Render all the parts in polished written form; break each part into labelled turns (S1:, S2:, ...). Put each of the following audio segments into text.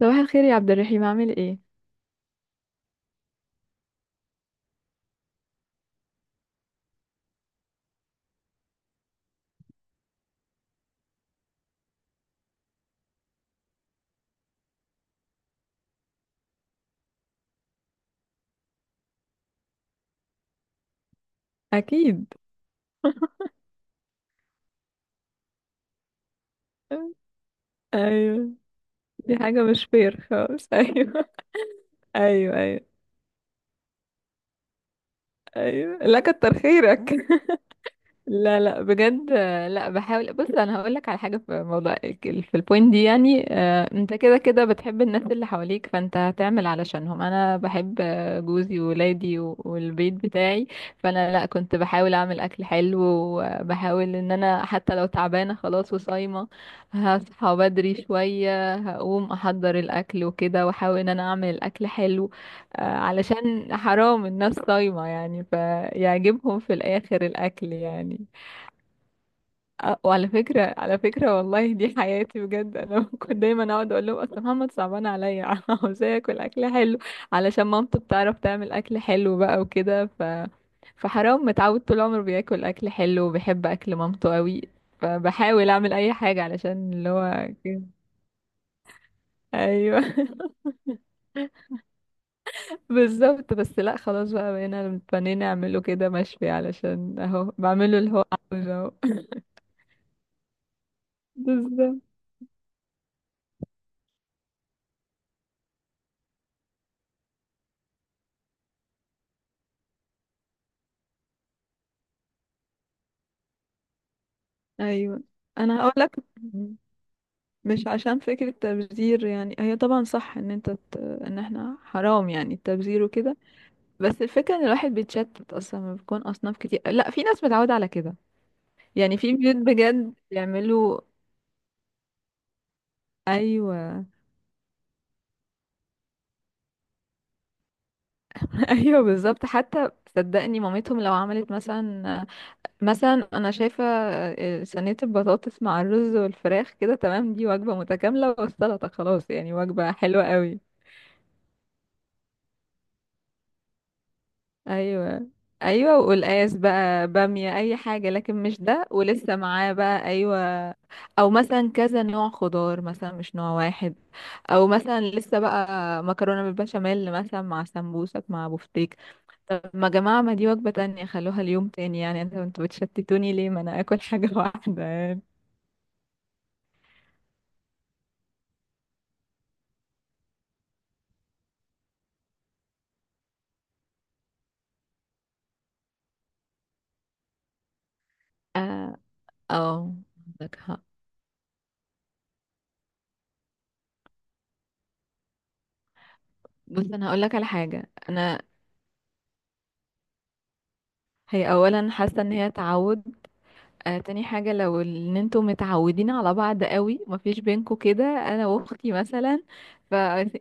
S1: صباح الخير يا عبد الرحيم، عامل ايه؟ اكيد. ايوه. دي حاجه مش فير خالص. ايوه ايوه ايوه ايوه. لا كتر خيرك. لا لا بجد. لا بحاول. بص، انا هقول لك على حاجه في موضوع في البوينت دي يعني. انت كده كده بتحب الناس اللي حواليك، فانت هتعمل علشانهم. انا بحب جوزي وولادي والبيت بتاعي. فانا لا، كنت بحاول اعمل اكل حلو، وبحاول ان انا حتى لو تعبانه خلاص وصايمه، هصحى بدري شويه، هقوم احضر الاكل وكده، واحاول ان انا اعمل الاكل حلو. علشان حرام الناس صايمه يعني، فيعجبهم في الاخر الاكل يعني. وعلى فكرة على فكرة، والله دي حياتي بجد، انا كنت دايما اقعد اقول لهم اصل محمد صعبان عليا عاوزاه ياكل اكل حلو علشان مامته بتعرف تعمل اكل حلو بقى وكده. فحرام، متعود طول عمره بياكل اكل حلو وبيحب اكل مامته قوي، فبحاول اعمل اي حاجة علشان اللي هو كده. ايوه. بالظبط. بس لا خلاص بقى، بقينا متفنين نعمله كده مشوي علشان اهو بعمله اللي هو عاوزه اهو. بالظبط. ايوه، انا هقول لك. مش عشان فكرة تبذير يعني، هي طبعا صح ان ان احنا حرام يعني التبذير وكده. بس الفكرة ان الواحد بيتشتت، اصلا ما بيكون اصناف كتير. لا، في ناس متعودة على كده، يعني في بيوت بجد بيعملوا. ايوه. ايوه بالظبط حتى. صدقني مامتهم لو عملت مثلا، مثلا انا شايفة صينية البطاطس مع الرز والفراخ كده تمام، دي وجبة متكاملة، والسلطة خلاص، يعني وجبة حلوة قوي. ايوه ايوه، وقلقاس بقى، باميه، اي حاجه، لكن مش ده، ولسه معاه بقى، ايوه. او مثلا كذا نوع خضار مثلا مش نوع واحد. او مثلا لسه بقى مكرونه بالبشاميل مثلا مع سمبوسك مع بفتيك. طب ما يا جماعه، ما دي وجبه تانية، خلوها ليوم تاني يعني. انتوا بتشتتوني ليه؟ ما انا اكل حاجه واحده يعني. اه. أو، عندك حق. بص، انا هقول لك على حاجه. انا، هي اولا حاسه ان هي تعود. تاني حاجة، لو ان انتوا متعودين على بعض قوي مفيش بينكوا كده، انا واختي مثلا، ف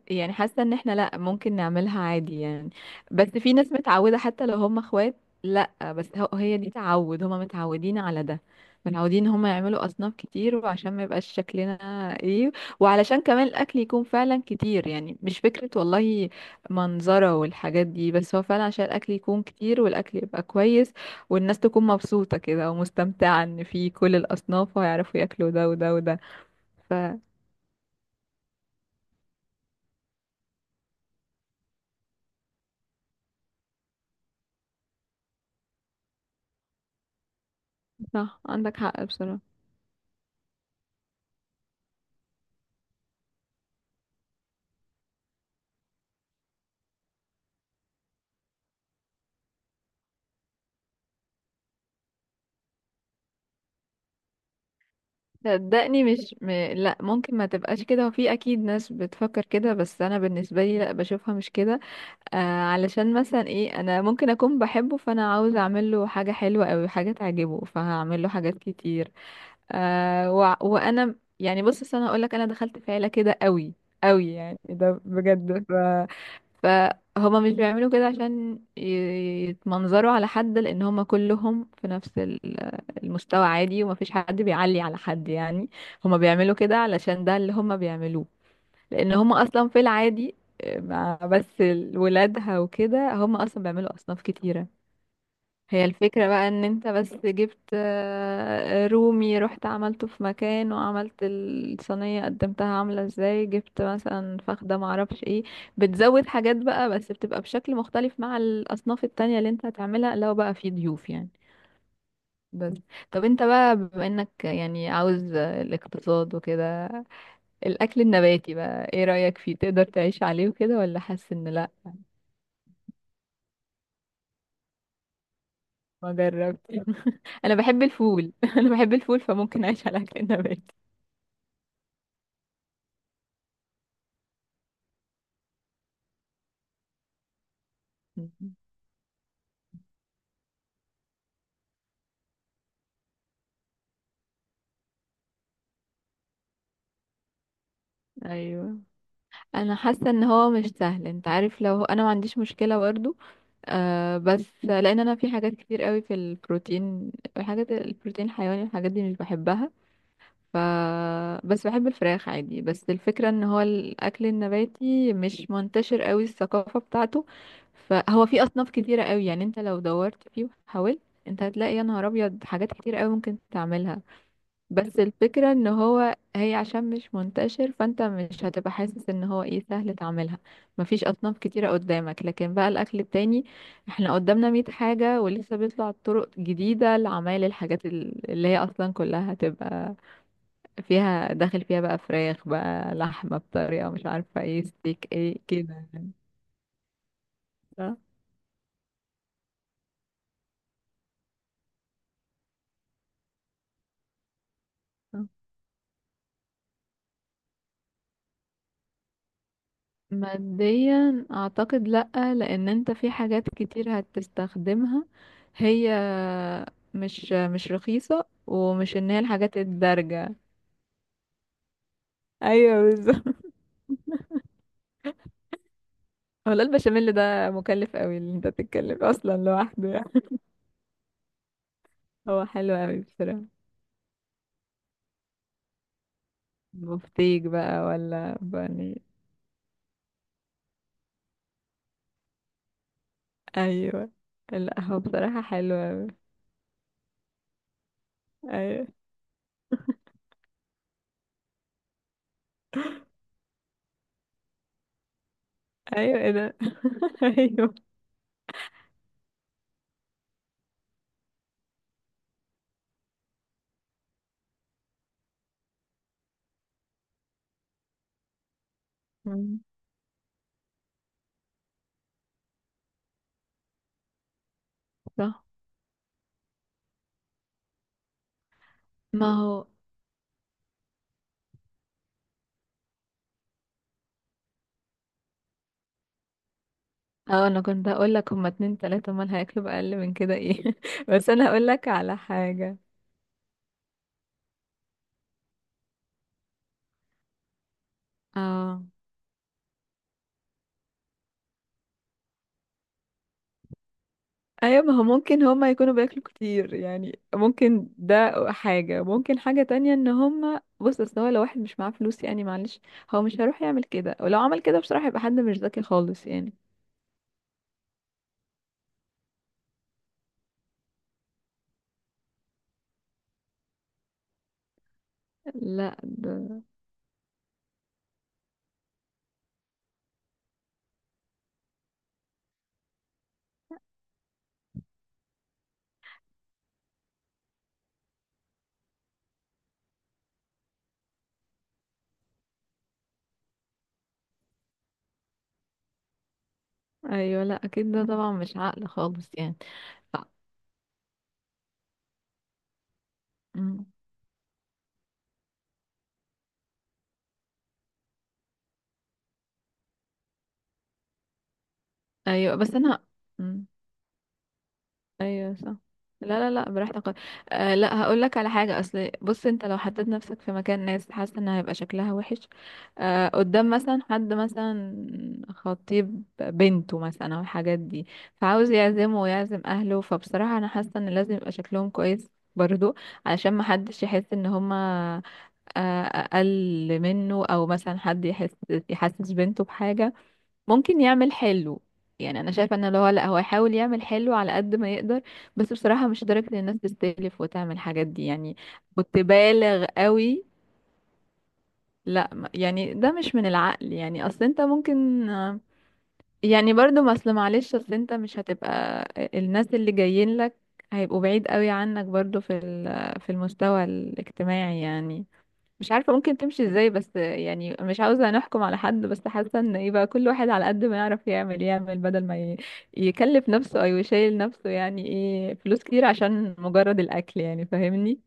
S1: يعني حاسة ان احنا لا، ممكن نعملها عادي يعني. بس في ناس متعودة حتى لو هم اخوات. لا بس هي دي تعود، هم متعودين على ده، متعودين هم يعملوا اصناف كتير، وعشان ما يبقاش شكلنا ايه، وعلشان كمان الاكل يكون فعلا كتير، يعني مش فكرة والله منظرة والحاجات دي، بس هو فعلا عشان الاكل يكون كتير والاكل يبقى كويس والناس تكون مبسوطة كده ومستمتعة، ان في كل الأصناف وهيعرفوا ياكلوا ده وده وده. ف صح عندك حق بصراحة. صدقني مش م... لا، ممكن ما تبقاش كده، وفي اكيد ناس بتفكر كده، بس انا بالنسبه لي لا، بشوفها مش كده. علشان مثلا ايه، انا ممكن اكون بحبه فانا عاوز اعمل له حاجه حلوه او حاجه تعجبه، فهعمل له حاجات كتير. وانا يعني، بص أصل انا هقول لك، انا دخلت في عيله كده قوي قوي يعني ده بجد. ف فهما مش بيعملوا كده عشان يتمنظروا على حد، لان هما كلهم في نفس المستوى عادي، ومفيش حد بيعلي على حد يعني. هما بيعملوا كده علشان ده اللي هما بيعملوه، لان هما اصلا في العادي. مع بس ولادها وكده هما اصلا بيعملوا اصناف كتيره. هي الفكرة بقى، ان انت بس جبت رومي، رحت عملته في مكان وعملت الصينية قدمتها عاملة ازاي، جبت مثلا فخدة معرفش ايه، بتزود حاجات بقى بس بتبقى بشكل مختلف مع الاصناف التانية اللي انت هتعملها لو بقى في ضيوف يعني. بس. طب انت بقى بما انك يعني عاوز الاقتصاد وكده، الاكل النباتي بقى ايه رأيك فيه؟ تقدر تعيش عليه وكده ولا حاسس ان لا؟ ما جربت. انا بحب الفول. انا بحب الفول فممكن اعيش على اكل النباتي. ايوه. انا حاسه ان هو مش سهل، انت عارف، لو انا ما عنديش مشكله برضو. بس لان انا في حاجات كتير قوي في البروتين، الحاجات البروتين الحيواني، الحاجات دي مش بحبها، ف بس بحب الفراخ عادي. بس الفكره ان هو الاكل النباتي مش منتشر قوي، الثقافه بتاعته، فهو في اصناف كتيره قوي يعني. انت لو دورت فيه وحاولت، انت هتلاقي يا نهار ابيض حاجات كتير قوي ممكن تعملها. بس الفكرة ان هو هي عشان مش منتشر، فانت مش هتبقى حاسس ان هو ايه، سهل تعملها، مفيش اصناف كتيرة قدامك. لكن بقى الاكل التاني، احنا قدامنا مية حاجة ولسه بيطلع طرق جديدة لعمايل الحاجات اللي هي اصلا كلها هتبقى فيها داخل، فيها بقى فراخ بقى لحمة بطريقة مش عارفة ايه، ستيك ايه كده يعني. صح؟ ماديا اعتقد لأ، لان انت في حاجات كتير هتستخدمها، هي مش رخيصة، ومش ان هي الحاجات الدارجة. ايوه بالظبط. هو لا، البشاميل ده مكلف قوي اللي انت تتكلم اصلا لوحده يعني. هو حلو قوي بصراحة. بفتيك بقى ولا بني. ايوه. لا هو بصراحة حلو قوي. ايوه ايوه ايه ده؟ ايوه. مم. صح. ما هو، اه انا كنت هقول لك هما اتنين تلاتة، امال هياكلوا بأقل من كده ايه؟ بس انا هقول لك على حاجة. اه. ايوه، ما هو ممكن هما يكونوا بياكلوا كتير يعني، ممكن ده حاجة. ممكن حاجة تانية، ان هما بص اصل هو لو واحد مش معاه فلوس يعني معلش، هو مش هيروح يعمل كده. ولو عمل كده بصراحة يبقى حد مش ذكي خالص يعني. لا ده. ايوه لا اكيد، ده طبعا مش عقل خالص يعني. ف... مم. ايوه بس انا. مم. ايوه صح. لا لا لا براحتك. لا، هقول لك على حاجه. اصل بص، انت لو حطيت نفسك في مكان ناس، حاسه ان هيبقى شكلها وحش. قدام مثلا حد مثلا خطيب بنته مثلا او الحاجات دي، فعاوز يعزمه ويعزم اهله، فبصراحه انا حاسه ان لازم يبقى شكلهم كويس برضو، علشان ما حدش يحس ان هما اقل منه، او مثلا حد يحس يحسس بنته بحاجه. ممكن يعمل حلو، يعني انا شايفه ان اللي هو لا هو يحاول يعمل حلو على قد ما يقدر، بس بصراحه مش لدرجه ان الناس تستلف وتعمل الحاجات دي يعني. كنت بالغ قوي. لا يعني ده مش من العقل يعني. اصل انت ممكن، يعني برضو ما اصل معلش، اصل انت مش هتبقى، الناس اللي جايين لك هيبقوا بعيد قوي عنك برضو في في المستوى الاجتماعي يعني. مش عارفة ممكن تمشي ازاي، بس يعني مش عاوزة نحكم على حد، بس حاسة ان يبقى كل واحد على قد ما يعرف يعمل يعمل، بدل ما يكلف نفسه او يشيل نفسه يعني ايه فلوس كتير عشان مجرد الاكل يعني، فاهمني.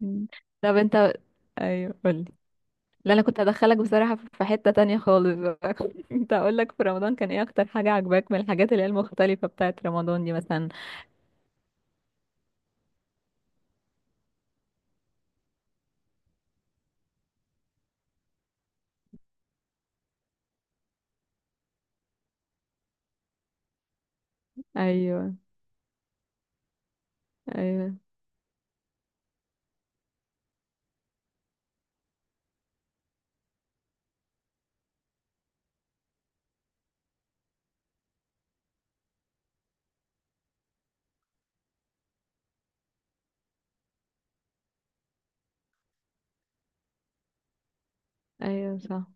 S1: مم. طب انت. ايوه قولي. لا انا كنت هدخلك بصراحة في حتة تانية خالص بقى، كنت هقول لك في رمضان كان ايه اكتر حاجة عجباك من الحاجات اللي هي المختلفة بتاعت رمضان دي مثلا؟ ايوه ايوه ايوه صح.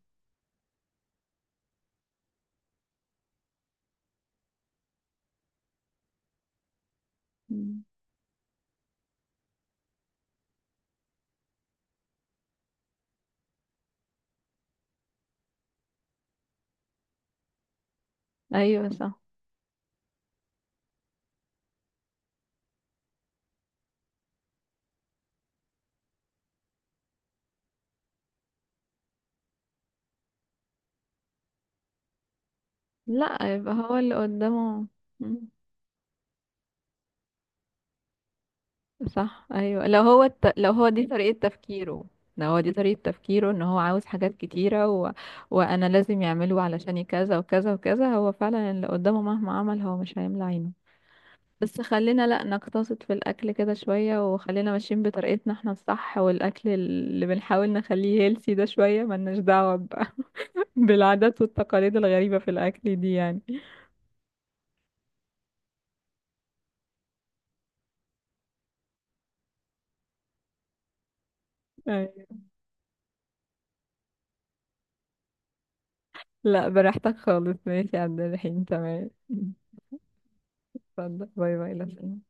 S1: مم. ايوه صح. لا يبقى هو اللي قدامه. صح ايوه، لو هو لو هو دي طريقة تفكيره، لو هو دي طريقة تفكيره ان هو عاوز حاجات كتيرة وانا لازم يعمله علشان كذا وكذا وكذا، هو فعلا اللي قدامه مهما عمل هو مش هيملى عينه. بس خلينا لا نقتصد في الاكل كده شوية، وخلينا ماشيين بطريقتنا احنا الصح، والاكل اللي بنحاول نخليه هيلسي ده شوية، ملناش دعوة بالعادات والتقاليد الغريبة في الاكل دي يعني. أيوة. لا براحتك خالص. ماشي يا عبد الرحيم تمام. اتفضل، باي باي، لسلام.